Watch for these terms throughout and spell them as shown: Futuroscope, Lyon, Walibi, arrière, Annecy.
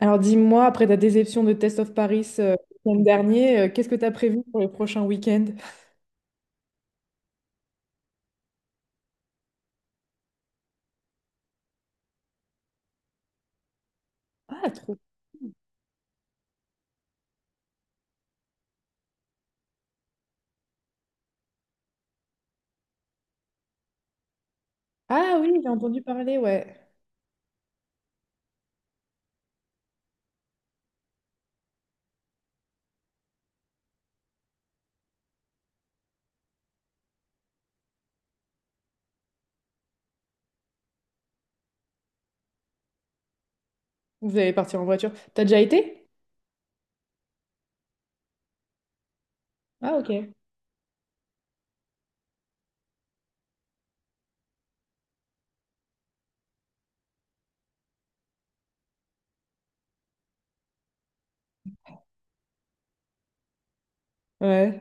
Alors dis-moi, après ta déception de Test of Paris le week-end dernier, qu'est-ce que tu as prévu pour le prochain week-end? Ah, trop. Ah oui, j'ai entendu parler, ouais. Vous allez partir en voiture. T'as déjà été? Ah, ok. Ouais.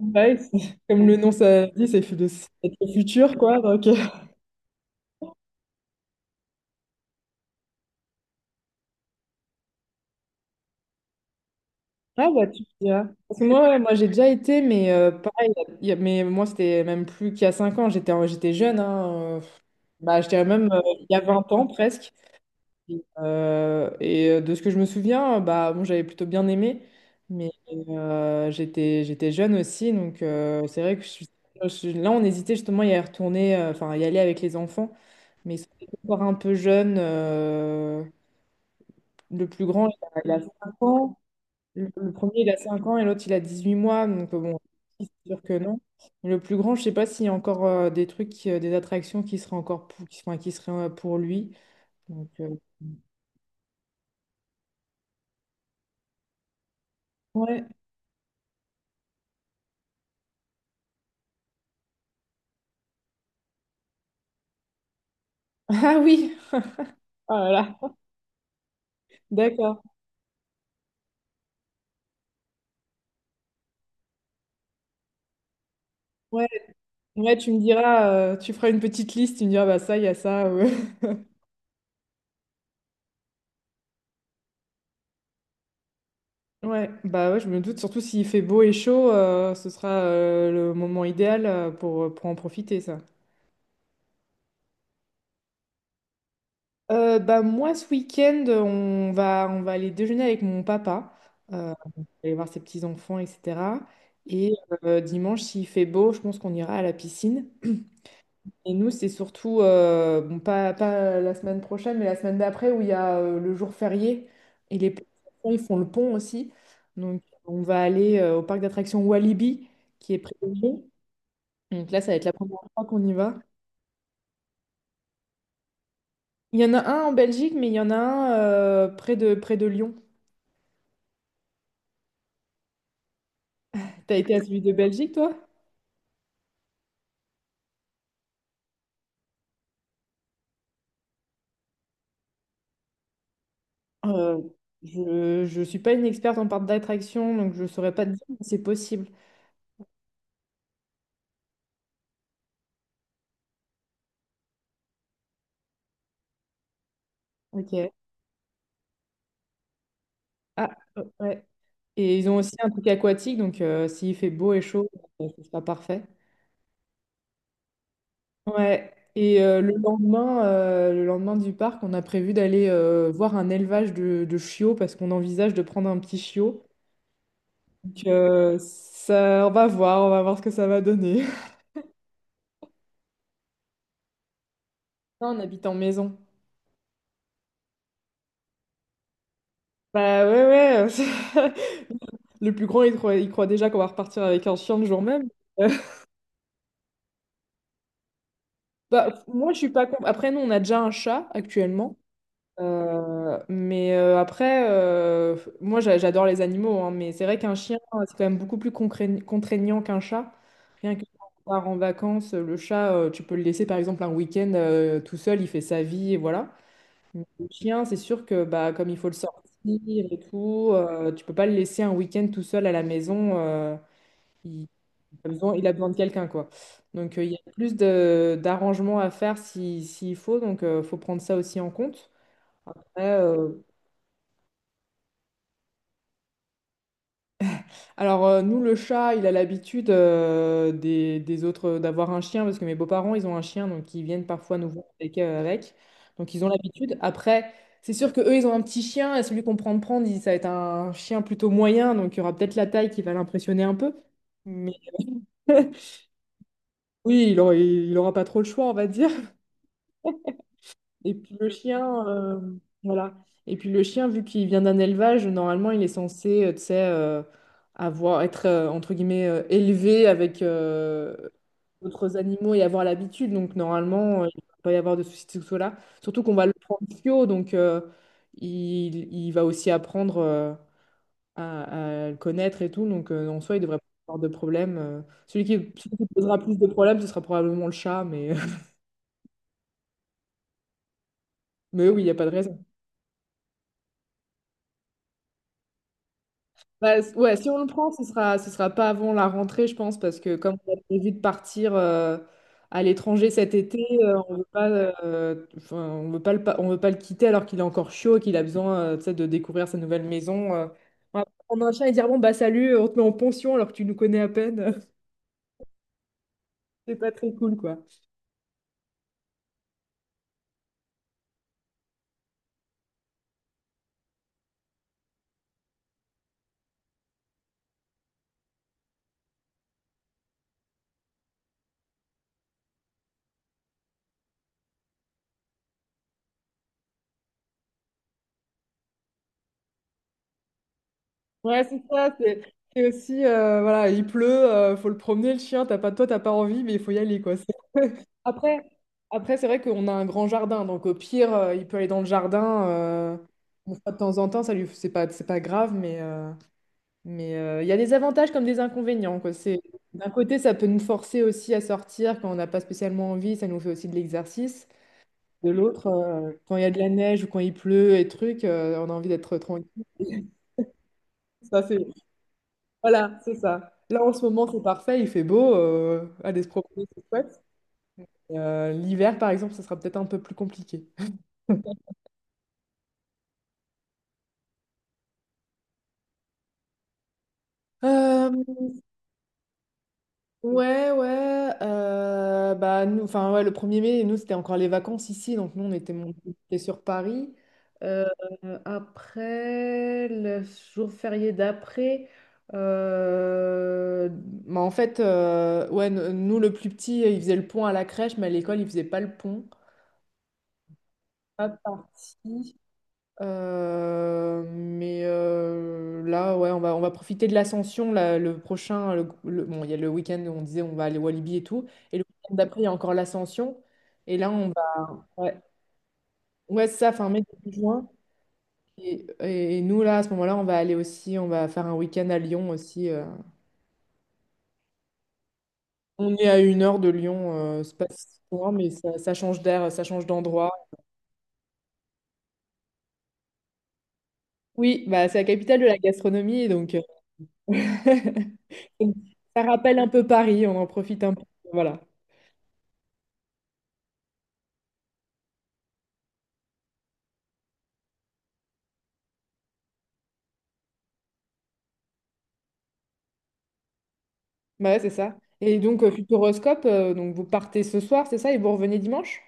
Ouais, comme le nom ça dit, c'est le futur, quoi. Ah bah tu me diras. Parce que moi, ouais, moi j'ai déjà été, mais pareil, mais moi c'était même plus qu'il y a 5 ans, j'étais jeune, hein, bah, je dirais même il y a 20 ans presque. Et de ce que je me souviens, bah, bon, j'avais plutôt bien aimé, mais j'étais jeune aussi, donc c'est vrai que là, on hésitait justement à y retourner, enfin, à y aller avec les enfants, mais ils sont encore un peu jeunes. Le plus grand, il a, il 5 ans, le premier, il a 5 ans, et l'autre, il a 18 mois, donc bon, c'est sûr que non. Le plus grand, je sais pas s'il y a encore des trucs, des attractions qui seraient encore pour, qui, enfin, qui seraient pour lui. Donc, euh, ouais. Ah oui! Oh là là, d'accord. Ouais, ouais, tu me diras, tu feras une petite liste, tu me diras, bah ça, il y a ça. Ouais. Ouais, bah ouais, je me doute, surtout s'il fait beau et chaud, ce sera le moment idéal pour en profiter, ça. Bah moi, ce week-end, on va aller déjeuner avec mon papa, euh, aller voir ses petits-enfants, etc. Et dimanche, s'il fait beau, je pense qu'on ira à la piscine. Et nous, c'est surtout, bon, pas la semaine prochaine, mais la semaine d'après où il y a le jour férié et les ils font le pont aussi. Donc, on va aller au parc d'attractions Walibi qui est près de Lyon. Donc là, ça va être la première fois qu'on y va. Il y en a un en Belgique, mais il y en a un près de Lyon. T'as été à celui de Belgique, toi? Euh, je suis pas une experte en parc d'attraction, donc je ne saurais pas te dire, mais c'est possible. Ok. Ah, ouais. Et ils ont aussi un truc aquatique, donc s'il fait beau et chaud, ce sera parfait. Ouais. Et le lendemain du parc, on a prévu d'aller voir un élevage de chiots parce qu'on envisage de prendre un petit chiot. Donc, ça, on va voir ce que ça va donner. Non, on habite en maison. Bah ouais, ouais. Le plus grand, il croit déjà qu'on va repartir avec un chien le jour même. Bah, moi, je suis pas contre. Après, nous, on a déjà un chat actuellement. Mais après, moi j'adore les animaux, hein, mais c'est vrai qu'un chien, c'est quand même beaucoup plus contraignant qu'un chat. Rien que quand on part en vacances, le chat, tu peux le laisser par exemple un week-end tout seul, il fait sa vie et voilà. Mais le chien, c'est sûr que bah, comme il faut le sortir et tout, tu peux pas le laisser un week-end tout seul à la maison. Il a besoin de quelqu'un, quoi. Donc il y a plus d'arrangements à faire si, s'il faut, donc faut prendre ça aussi en compte. Ouais. Alors, nous, le chat, il a l'habitude des autres d'avoir un chien parce que mes beaux-parents, ils ont un chien, donc ils viennent parfois nous voir avec. Donc ils ont l'habitude. Après, c'est sûr que eux, ils ont un petit chien et celui qu'on prend de prendre, ça va être un chien plutôt moyen, donc il y aura peut-être la taille qui va l'impressionner un peu. Mais oui, il aura pas trop le choix, on va dire. Et puis le chien, voilà. Et puis le chien, vu qu'il vient d'un élevage, normalement, il est censé, tu sais, avoir, être, entre guillemets, élevé avec d'autres animaux et avoir l'habitude. Donc, normalement, il ne va pas y avoir de soucis de ce côté-là. Surtout qu'on va le prendre fio, donc il va aussi apprendre à le connaître et tout. Donc, en soi, il devrait pas avoir de problème. Celui qui, celui qui posera plus de problèmes, ce sera probablement le chat, mais, mais oui, il n'y a pas de raison. Bah, ouais, si on le prend, ce sera pas avant la rentrée, je pense, parce que comme on a prévu de partir à l'étranger cet été, on veut pas, enfin, on veut pas le quitter alors qu'il est encore chaud, et qu'il a besoin, tu sais, de découvrir sa nouvelle maison. On va pas prendre un chien et dire bon bah salut, on te met en pension alors que tu nous connais à peine. C'est pas très cool, quoi. Ouais, c'est ça. C'est aussi, voilà, il pleut, faut le promener le chien. T'as pas, toi, t'as pas envie, mais il faut y aller, quoi. Après, après, c'est vrai qu'on a un grand jardin, donc au pire, il peut aller dans le jardin. Une fois de temps en temps, c'est pas grave, mais il y a des avantages comme des inconvénients, quoi. D'un côté, ça peut nous forcer aussi à sortir quand on n'a pas spécialement envie, ça nous fait aussi de l'exercice. De l'autre, quand il y a de la neige ou quand il pleut et trucs, on a envie d'être tranquille. Ça, c'est, voilà, c'est ça. Là, en ce moment, c'est parfait, il fait beau, allez se promener, c'est chouette. L'hiver, par exemple, ça sera peut-être un peu plus compliqué. Euh, Ouais, ouais. Bah, nous, enfin, ouais, le 1er mai, nous, c'était encore les vacances ici. Donc, nous, on était montés sur Paris. Euh, Après, le jour férié d'après, bah, en fait, ouais, nous, le plus petit, il faisait le pont à la crèche, mais à l'école, il faisait pas le pont. Pas parti. Mais là, ouais, on va profiter de l'ascension. Là, le prochain, bon, il y a le week-end où on disait on va aller au Walibi et tout. Et le week-end d'après, il y a encore l'ascension. Et là, on va. Ouais, ouais, c'est ça, fin mai, début juin. Et nous, là, à ce moment-là, on va aller aussi, on va faire un week-end à Lyon aussi. On est à 1 heure de Lyon, c'est pas si loin, mais ça change d'air, ça change d'endroit. Oui, bah, c'est la capitale de la gastronomie, donc. Ça rappelle un peu Paris, on en profite un peu. Voilà. Bah ouais, c'est ça. Et donc, Futuroscope, donc vous partez ce soir, c'est ça, et vous revenez dimanche?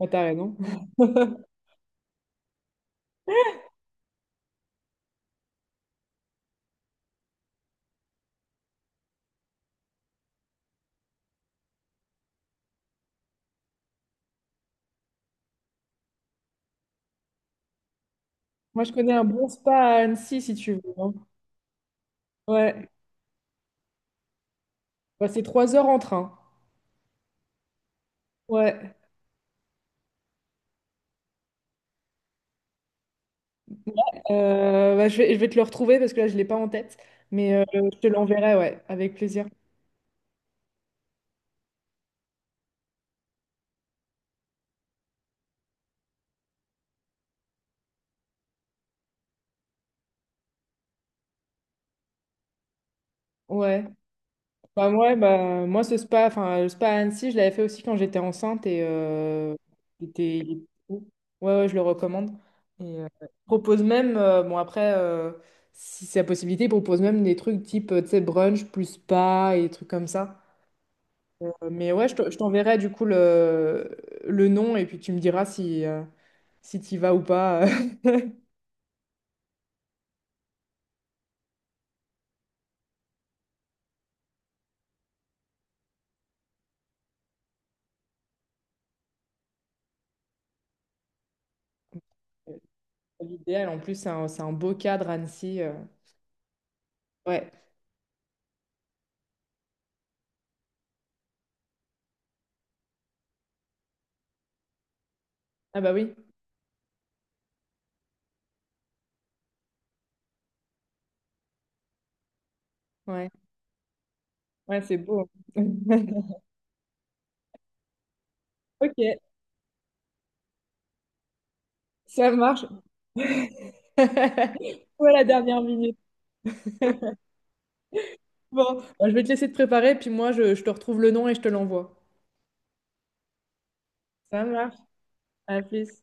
Ah, t'as raison. Moi, je connais un bon spa à Annecy, si tu veux, hein. Ouais. Bah, c'est 3 heures en train. Ouais. Bah, je vais te le retrouver parce que là, je ne l'ai pas en tête. Mais je te l'enverrai, ouais, avec plaisir. Ouais. Bah, ouais, bah, moi, ce spa, enfin, le spa à Annecy, je l'avais fait aussi quand j'étais enceinte et il était cool. Ouais, ouais, je le recommande. Et, il propose même, bon, après, si c'est la possibilité, il propose même des trucs type, tu sais, brunch plus spa et des trucs comme ça. Mais ouais, je t'enverrai du coup le nom et puis tu me diras si tu vas ou pas. L'idéal, en plus, c'est un beau cadre, Annecy. Ouais. Ah bah oui, ouais. Ouais, c'est beau. Ok, ça marche. Ou à la dernière minute. Bon, bah, je vais te laisser te préparer, puis moi, je te retrouve le nom et je te l'envoie. Ça marche. À plus.